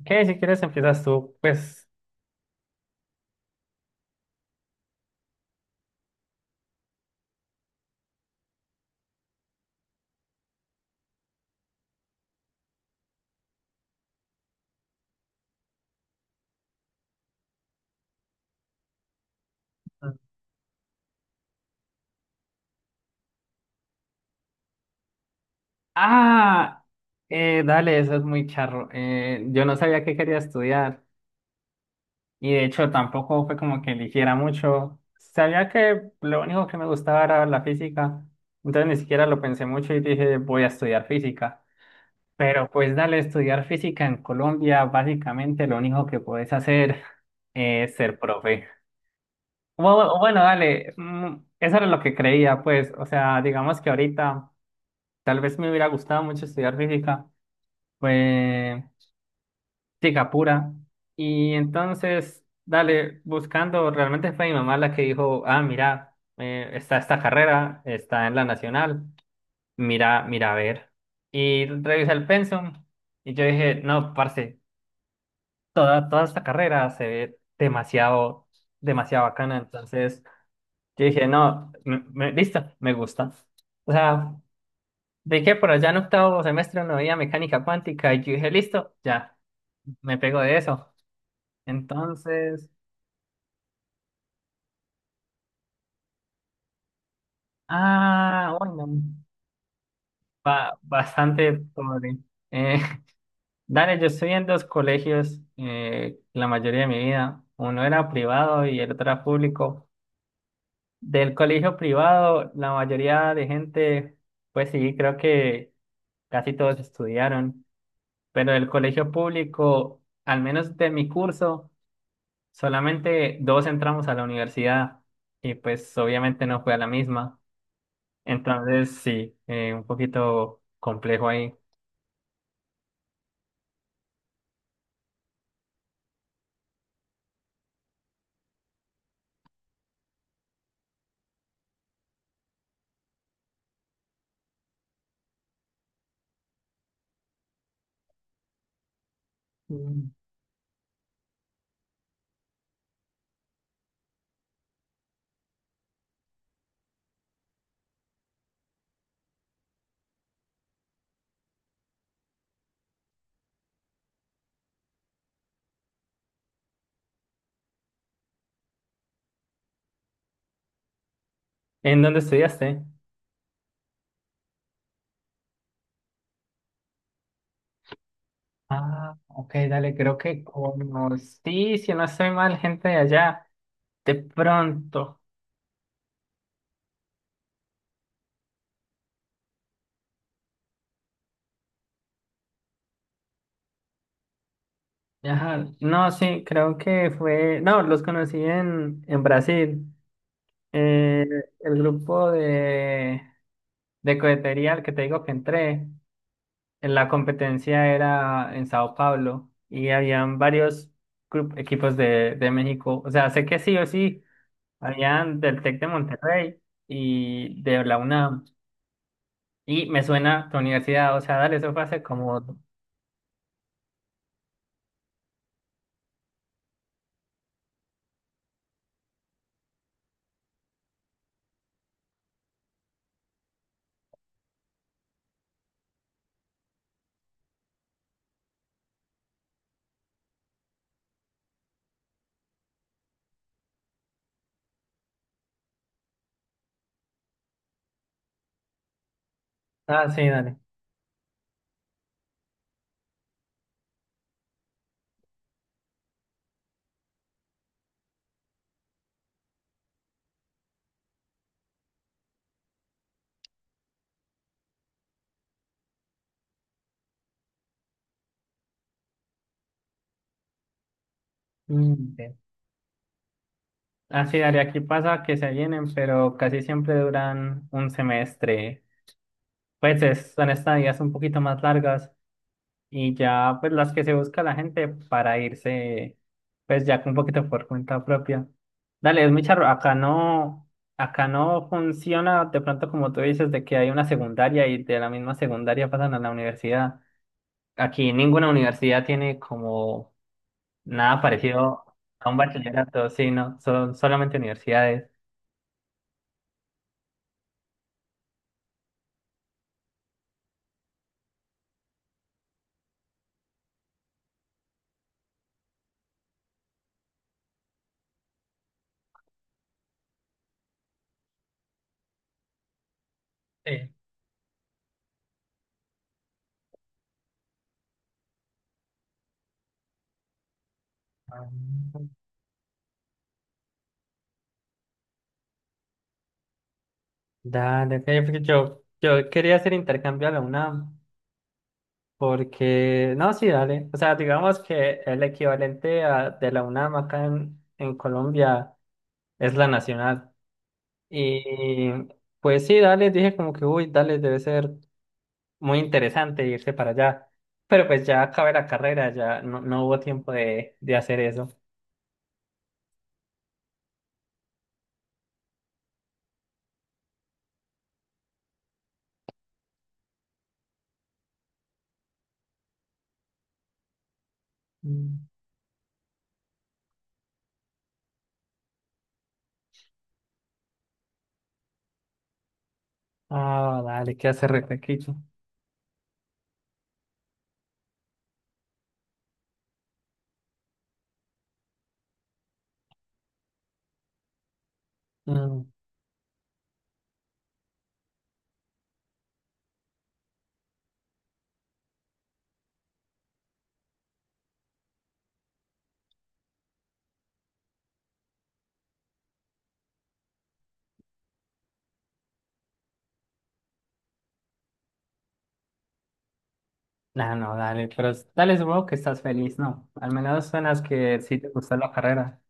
Ok, si quieres empiezas tú, pues... Ah, Dale, eso es muy charro. Yo no sabía que quería estudiar y de hecho tampoco fue como que eligiera mucho. Sabía que lo único que me gustaba era la física, entonces ni siquiera lo pensé mucho y dije voy a estudiar física. Pero pues dale, estudiar física en Colombia, básicamente lo único que podés hacer es ser profe. Bueno, dale, eso era lo que creía, pues, o sea, digamos que ahorita... Tal vez me hubiera gustado mucho estudiar física, fue física pura. Y entonces, dale, buscando, realmente fue mi mamá la que dijo, ah, mira, está esta carrera, está en la nacional, mira, mira, a ver. Y revisé el pensum y yo dije, no, parce, toda esta carrera se ve demasiado, demasiado bacana. Entonces, yo dije, no, listo, me gusta. O sea, vi que por allá en octavo semestre no había mecánica cuántica y yo dije, listo, ya, me pego de eso. Entonces, ah, bueno, bastante pobre. Eh, dale, yo estudié en dos colegios la mayoría de mi vida. Uno era privado y el otro era público. Del colegio privado, la mayoría de gente, pues sí, creo que casi todos estudiaron, pero del colegio público, al menos de mi curso, solamente dos entramos a la universidad y pues obviamente no fue a la misma. Entonces sí, un poquito complejo ahí. Mm. ¿En dónde estudiaste? Ah, ok, dale, creo que conocí, si no estoy mal, gente de allá. De pronto. Ajá. No, sí, creo que fue. No, los conocí en Brasil. Eh, el grupo de cohetería al que te digo que entré, en la competencia era en Sao Paulo y habían varios equipos de México. O sea, sé que sí o sí, habían del Tec de Monterrey y de la UNAM. Y me suena tu universidad, o sea, dale, eso fue hace como... Ah, sí, dale. Mm, ve. Ah, sí, dale, aquí pasa que se vienen, pero casi siempre duran un semestre. Pues son estadías un poquito más largas. Y ya, pues las que se busca la gente para irse, pues ya con un poquito por cuenta propia. Dale, es muy charro. Acá no funciona de pronto como tú dices, de que hay una secundaria y de la misma secundaria pasan a la universidad. Aquí ninguna universidad tiene como nada parecido a un bachillerato, sí, no, son solamente universidades. Sí. Ah, dale, ok, porque yo quería hacer intercambio a la UNAM. Porque, no, sí, dale. O sea, digamos que el equivalente de la UNAM acá en Colombia es la Nacional. Y pues sí, dale, dije como que, uy, dale, debe ser muy interesante irse para allá. Pero pues ya acabé la carrera, ya no, no hubo tiempo de hacer eso. Mm. Ah, dale, ¿qué hace Repequicho? Mm. No, no, dale, pero dale, supongo que estás feliz, ¿no? Al menos suenas que sí te gustó la carrera.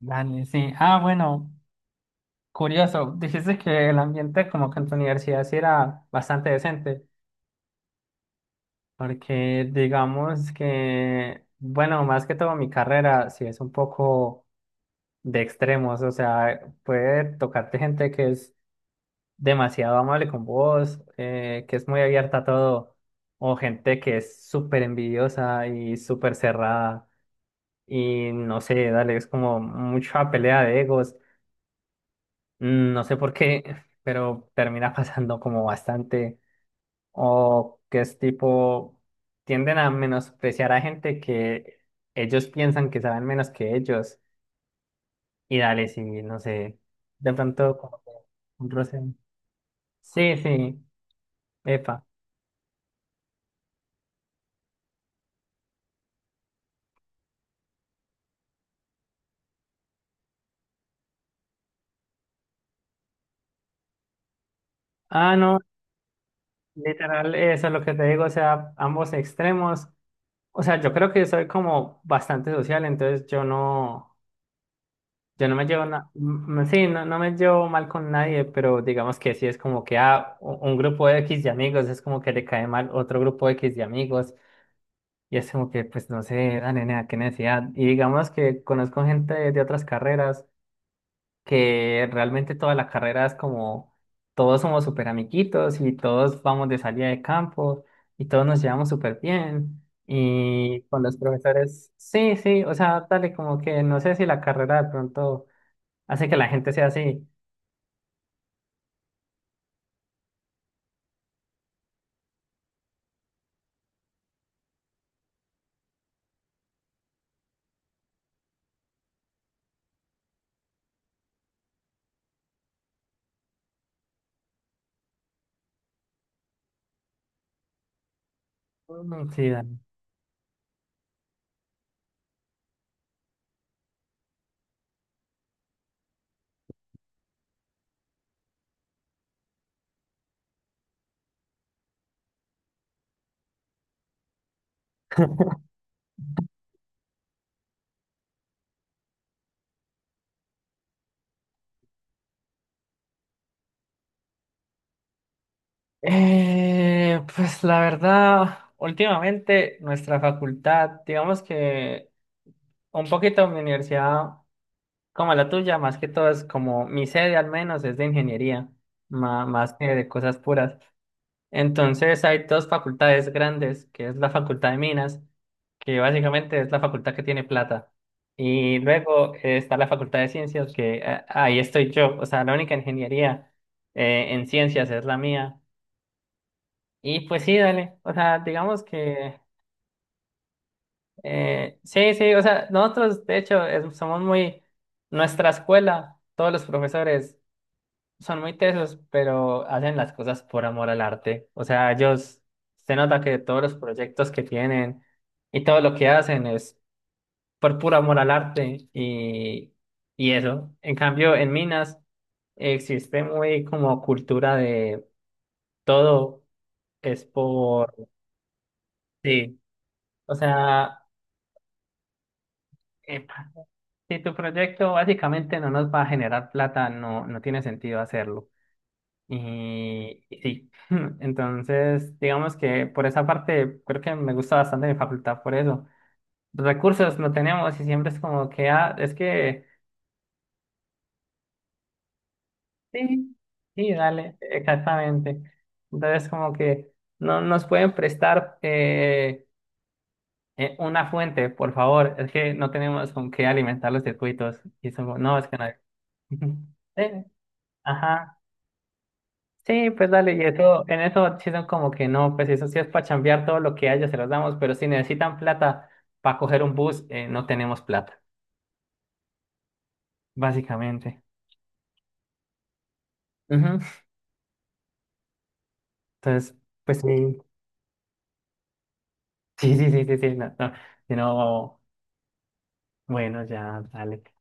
Dale, sí. Ah, bueno. Curioso, dijiste que el ambiente como que en tu universidad sí era bastante decente, porque digamos que, bueno, más que todo mi carrera sí es un poco de extremos, o sea, puede tocarte gente que es demasiado amable con vos, que es muy abierta a todo, o gente que es súper envidiosa y súper cerrada, y no sé, dale, es como mucha pelea de egos, mm, no sé por qué, pero termina pasando como bastante. O que es tipo, tienden a menospreciar a gente que ellos piensan que saben menos que ellos. Y dale, sí, no sé, de pronto como que un roce. Sí, sí, epa. Ah, no, literal, eso es lo que te digo, o sea, ambos extremos. O sea, yo creo que soy como bastante social, entonces yo no. Yo no me llevo sí, no, no me llevo mal con nadie, pero digamos que sí es como que ah, un grupo de X de amigos es como que le cae mal otro grupo de X de amigos y es como que pues no sé, ah, nena, qué necesidad. Y digamos que conozco gente de otras carreras que realmente toda la carrera es como todos somos súper amiguitos y todos vamos de salida de campo y todos nos llevamos súper bien. Y con los profesores, sí, sí, o sea, dale, como que no sé si la carrera de pronto hace que la gente sea así. Mm, sí, Dani. Pues la verdad, últimamente nuestra facultad, digamos que un poquito mi universidad, como la tuya, más que todo es como mi sede al menos es de ingeniería, más que de cosas puras. Entonces hay dos facultades grandes, que es la Facultad de Minas, que básicamente es la facultad que tiene plata. Y luego está la Facultad de Ciencias, que ahí estoy yo. O sea, la única ingeniería en ciencias es la mía. Y pues sí, dale. O sea, digamos que sí, sí. O sea, nosotros, de hecho, somos muy... Nuestra escuela, todos los profesores son muy tesos, pero hacen las cosas por amor al arte. O sea, ellos se nota que todos los proyectos que tienen y todo lo que hacen es por puro amor al arte y eso. En cambio, en Minas existe muy como cultura de todo es por sí. O sea, epa, si tu proyecto básicamente no nos va a generar plata, no, no tiene sentido hacerlo. Y sí, entonces digamos que por esa parte creo que me gusta bastante mi facultad por eso. Recursos no tenemos y siempre es como que, ah, es que sí, sí, dale, exactamente. Entonces como que no nos pueden prestar una fuente, por favor, es que no tenemos con qué alimentar los circuitos. Y somos, no, es que no hay. Sí, ajá. Sí, pues dale, y eso, en eso sí son como que no, pues eso sí es para chambear todo lo que haya, se los damos, pero si necesitan plata para coger un bus, no tenemos plata, básicamente. Ujú. Entonces, pues sí, sí, sí, sí, sí, sí, no, no, si no, bueno, ya, dale.